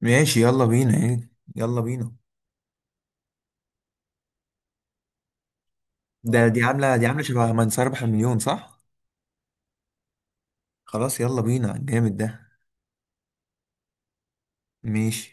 ماشي، يلا بينا. ايه يلا بينا؟ ده دي عاملة دي عاملة شبه من سيربح المليون، صح؟ خلاص، يلا بينا. جامد ده. ماشي.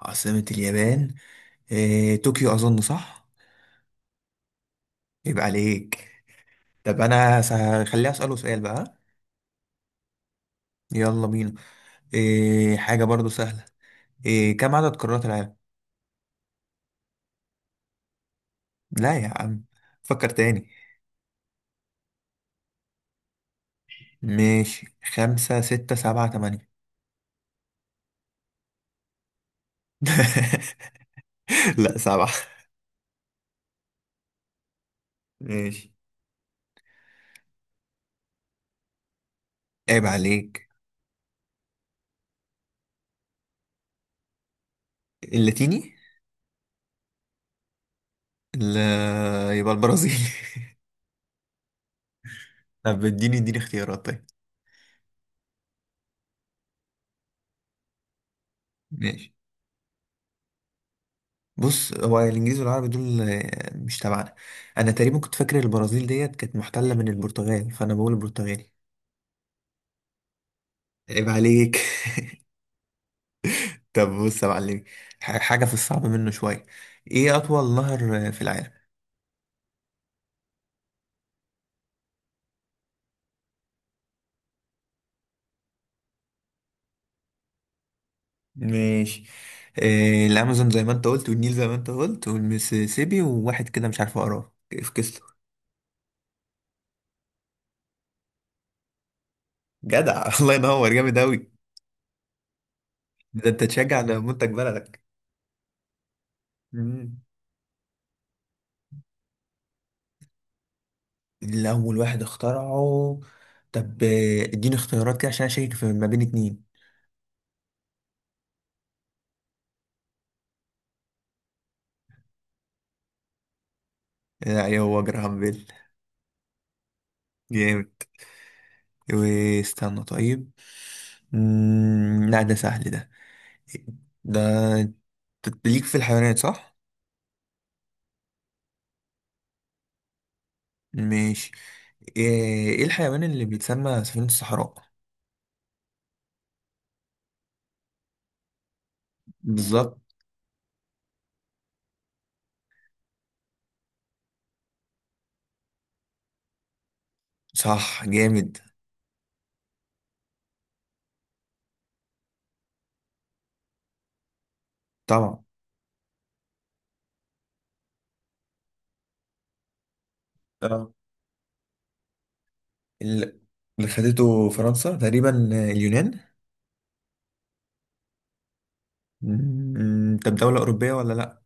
عاصمة اليابان؟ إيه، طوكيو أظن صح؟ يبقى عليك. طب أنا هخليها أسأله، سؤال بقى. يلا بينا. إيه، حاجة برضو سهلة. إيه كم عدد قارات العالم؟ لا يا عم، فكر تاني. ماشي، خمسة، ستة، سبعة، تمانية. لا، سبعة. ماشي. عيب عليك. اللاتيني؟ لا. يبقى البرازيل؟ طب اديني اختيارات. طيب ماشي. بص، هو الانجليز والعربي دول مش تبعنا. انا تقريبا كنت فاكر البرازيل ديت كانت محتله من البرتغال، فانا بقول البرتغالي. عيب عليك. طب بص يا معلمي، حاجه في الصعب منه شويه. ايه اطول نهر في العالم؟ ماشي. الامازون زي ما انت قلت، والنيل زي ما انت قلت، والميسيسيبي، وواحد كده مش عارف اقراه في كسله. جدع. الله ينور، جامد اوي. ده انت تشجع على منتج بلدك. مم. اللي أول واحد اخترعه. طب، اديني اختيارات كده عشان أشيك في ما بين اتنين. لا، هو جراهام بيل. جامد. واستنى. طيب. لا ده سهل ده. ده أنت ليك في الحيوانات، صح؟ ماشي. ايه إيه الحيوان اللي بيتسمى سفينة الصحراء؟ بالظبط. صح، جامد. طبعا. اه، ال- اللي خدته فرنسا تقريبا، اليونان. طب دولة أوروبية ولا لأ؟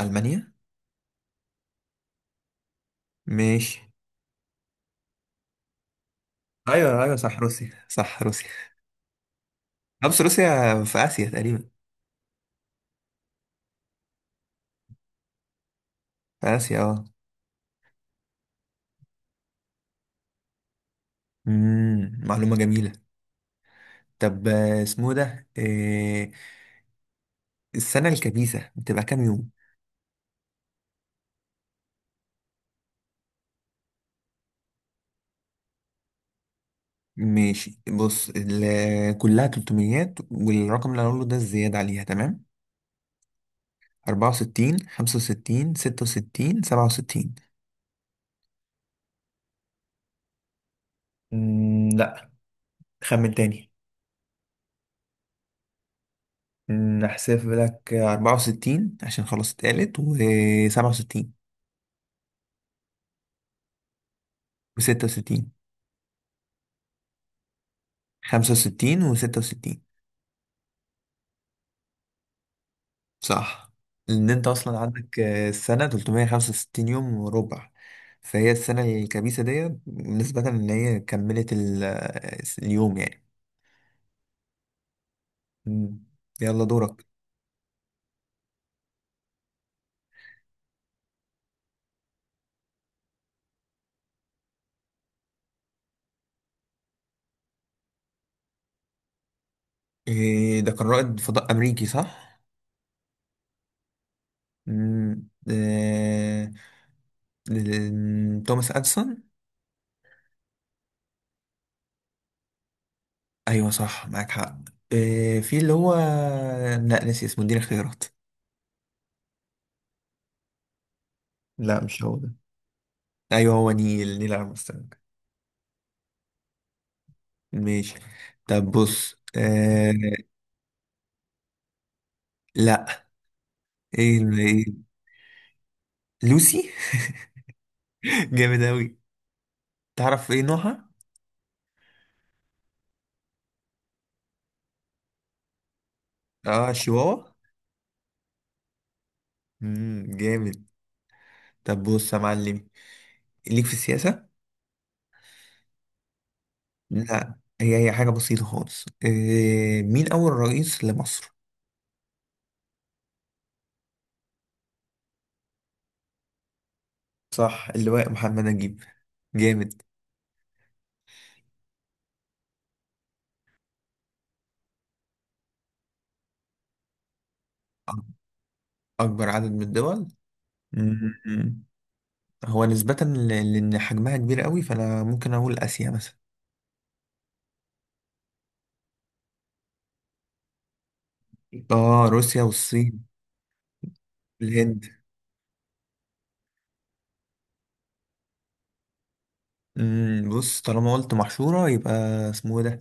ألمانيا. ماشي. ايوه ايوه، صح روسيا، صح روسيا. خمس روسيا. في اسيا تقريبا. في اسيا، اه. معلومه جميله. طب، اسمه ده إيه؟ السنه الكبيسه بتبقى كام يوم؟ ماشي، بص كلها 300، والرقم اللي هقوله ده الزياده عليها، تمام؟ 64، 65، 66، 67. لا، خمن تاني. هحسب لك 64 عشان خلاص اتقالت، و67. و66. 65 و66. صح. لان انت اصلا عندك السنه 365 يوم وربع. فهي السنه الكبيسه دي نسبه ان هي كملت اليوم يعني. مم. يلا دورك. إيه ده؟ كان رائد فضاء امريكي، صح. مم. توماس اديسون. ايوه صح، معاك حق. إيه في اللي هو، لا ناسي اسمه، اديني اختيارات. لا مش هو ده. ايوه، هو نيل ارمسترونج. ماشي. طب بص. لا، ايه؟ لوسي. جامد اوي. تعرف ايه نوعها؟ اه، شيواوا. جامد. طب بص يا معلم، ليك في السياسة. لا، هي حاجة بسيطة خالص. إيه مين أول رئيس لمصر؟ صح، اللواء محمد نجيب. جامد. أك- أكبر عدد من الدول. مم. هو نسبة لأن حجمها كبير قوي، فأنا ممكن أقول آسيا مثلا. اه، روسيا والصين والهند. بص، طالما قلت محشورة يبقى اسمه ايه ده،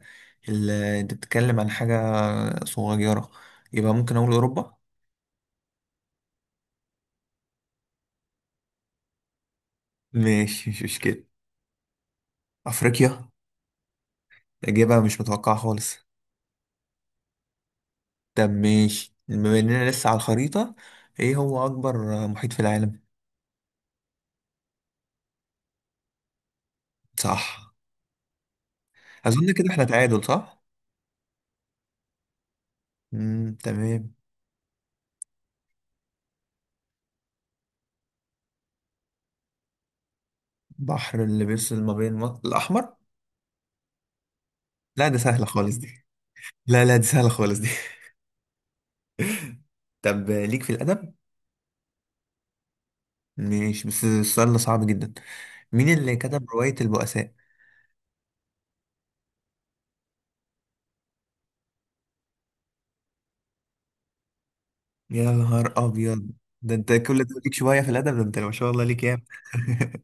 انت بتتكلم عن حاجة صغيرة، يبقى ممكن اقول اوروبا. ماشي، مش مشكلة. افريقيا. اجابة مش متوقعة خالص. طب ماشي، بما اننا لسه على الخريطة، ايه هو اكبر محيط في العالم؟ صح. اظن كده احنا تعادل، صح. تمام. بحر اللي بيفصل ما بين مصر، الاحمر. لا، ده سهلة خالص دي. لا لا، دي سهلة خالص دي. طب، ليك في الادب؟ ماشي، بس السؤال ده صعب جدا. مين اللي كتب رواية البؤساء؟ يا نهار أبيض، ده أنت كل ده ليك شوية في الأدب؟ ده أنت ما شاء الله ليك ياما.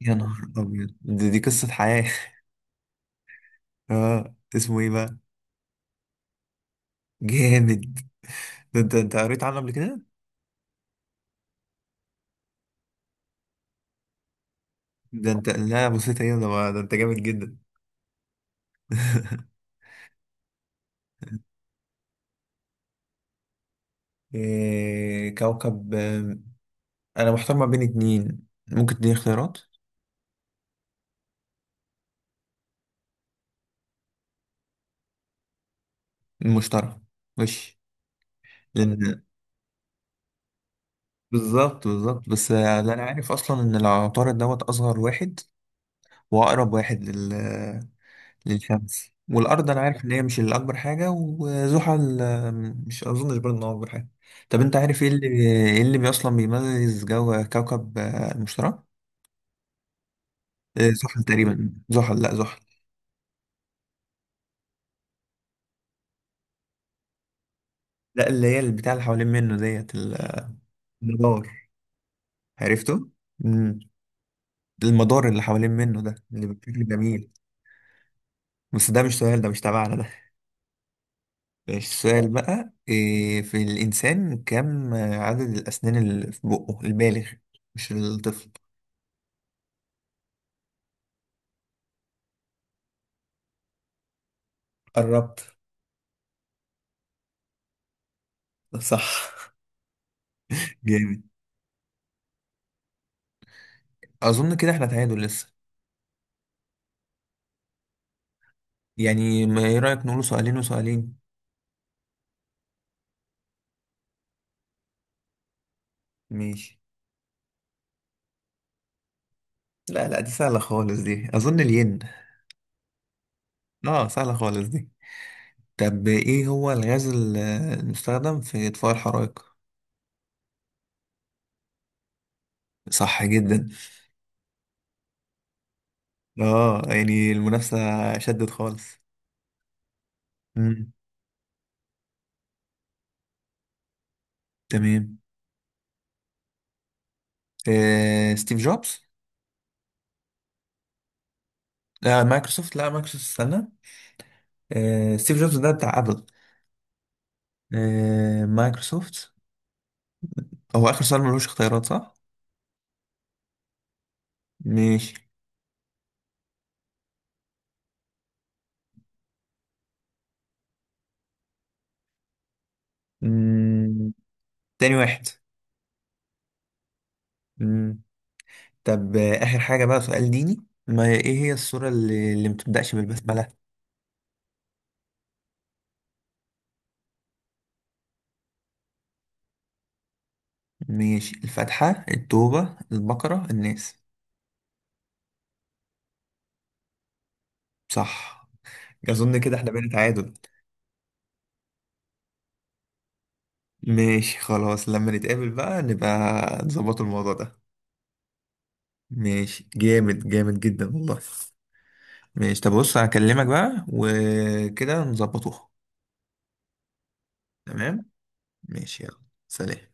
يا نهار أبيض، دي قصة حياة. اه، اسمه إيه بقى؟ جامد. ده أنت قريت عنه قبل كده؟ ده أنت، لا بصيت هنا، ده أنت جامد جدا. إيه كوكب، أنا محتار ما بين اتنين، ممكن تديني اختيارات؟ المشتري. ماشي. لأن بالظبط بالظبط، بس ده انا عارف اصلا ان العطارد دوت اصغر واحد. واقرب واحد للشمس والارض. انا عارف ان هي مش الاكبر حاجه، وزحل مش اظنش برضه ان هو اكبر حاجه. طب انت عارف ايه اللي اصلا بيميز جو كوكب المشتري؟ زحل، تقريبا زحل، لا زحل. لا، اللي هي البتاع اللي حوالين منه ديت المدار. عرفته. مم. المدار اللي حوالين منه ده اللي بشكل جميل. بس ده مش سؤال، ده مش تبعنا. ماشي، السؤال بقى إيه؟ في الإنسان، كم عدد الأسنان اللي في بقه البالغ؟ مش الطفل. قربت. صح، جامد. أظن كده إحنا تعادل لسه. يعني، ما إيه رأيك نقوله سؤالين وسؤالين؟ ماشي. لا لا، دي سهلة خالص دي، أظن الين. آه، سهلة خالص دي. طب إيه هو الغاز المستخدم في إطفاء الحرائق؟ صح جدا. يعني المنافسة شدت خالص. مم. تمام. ستيف جوبز. مايكروسوفت، لا مايكروسوفت استنى. ستيف جوبز ده بتاع ابل. مايكروسوفت. هو اخر سؤال ملوش اختيارات، صح؟ ماشي. مم. تاني واحد. مم. طب، اخر حاجة، بقى سؤال ديني. ما ايه هي السورة اللي ما بتبدأش بالبسملة؟ ماشي، الفاتحة، التوبة، البقرة، الناس. صح. اظن كده احنا بقينا تعادل. ماشي خلاص، لما نتقابل بقى نبقى نظبط الموضوع ده. ماشي، جامد، جامد جدا والله. ماشي، طب بص هكلمك بقى وكده نظبطوها. تمام. ماشي، يلا. سلام.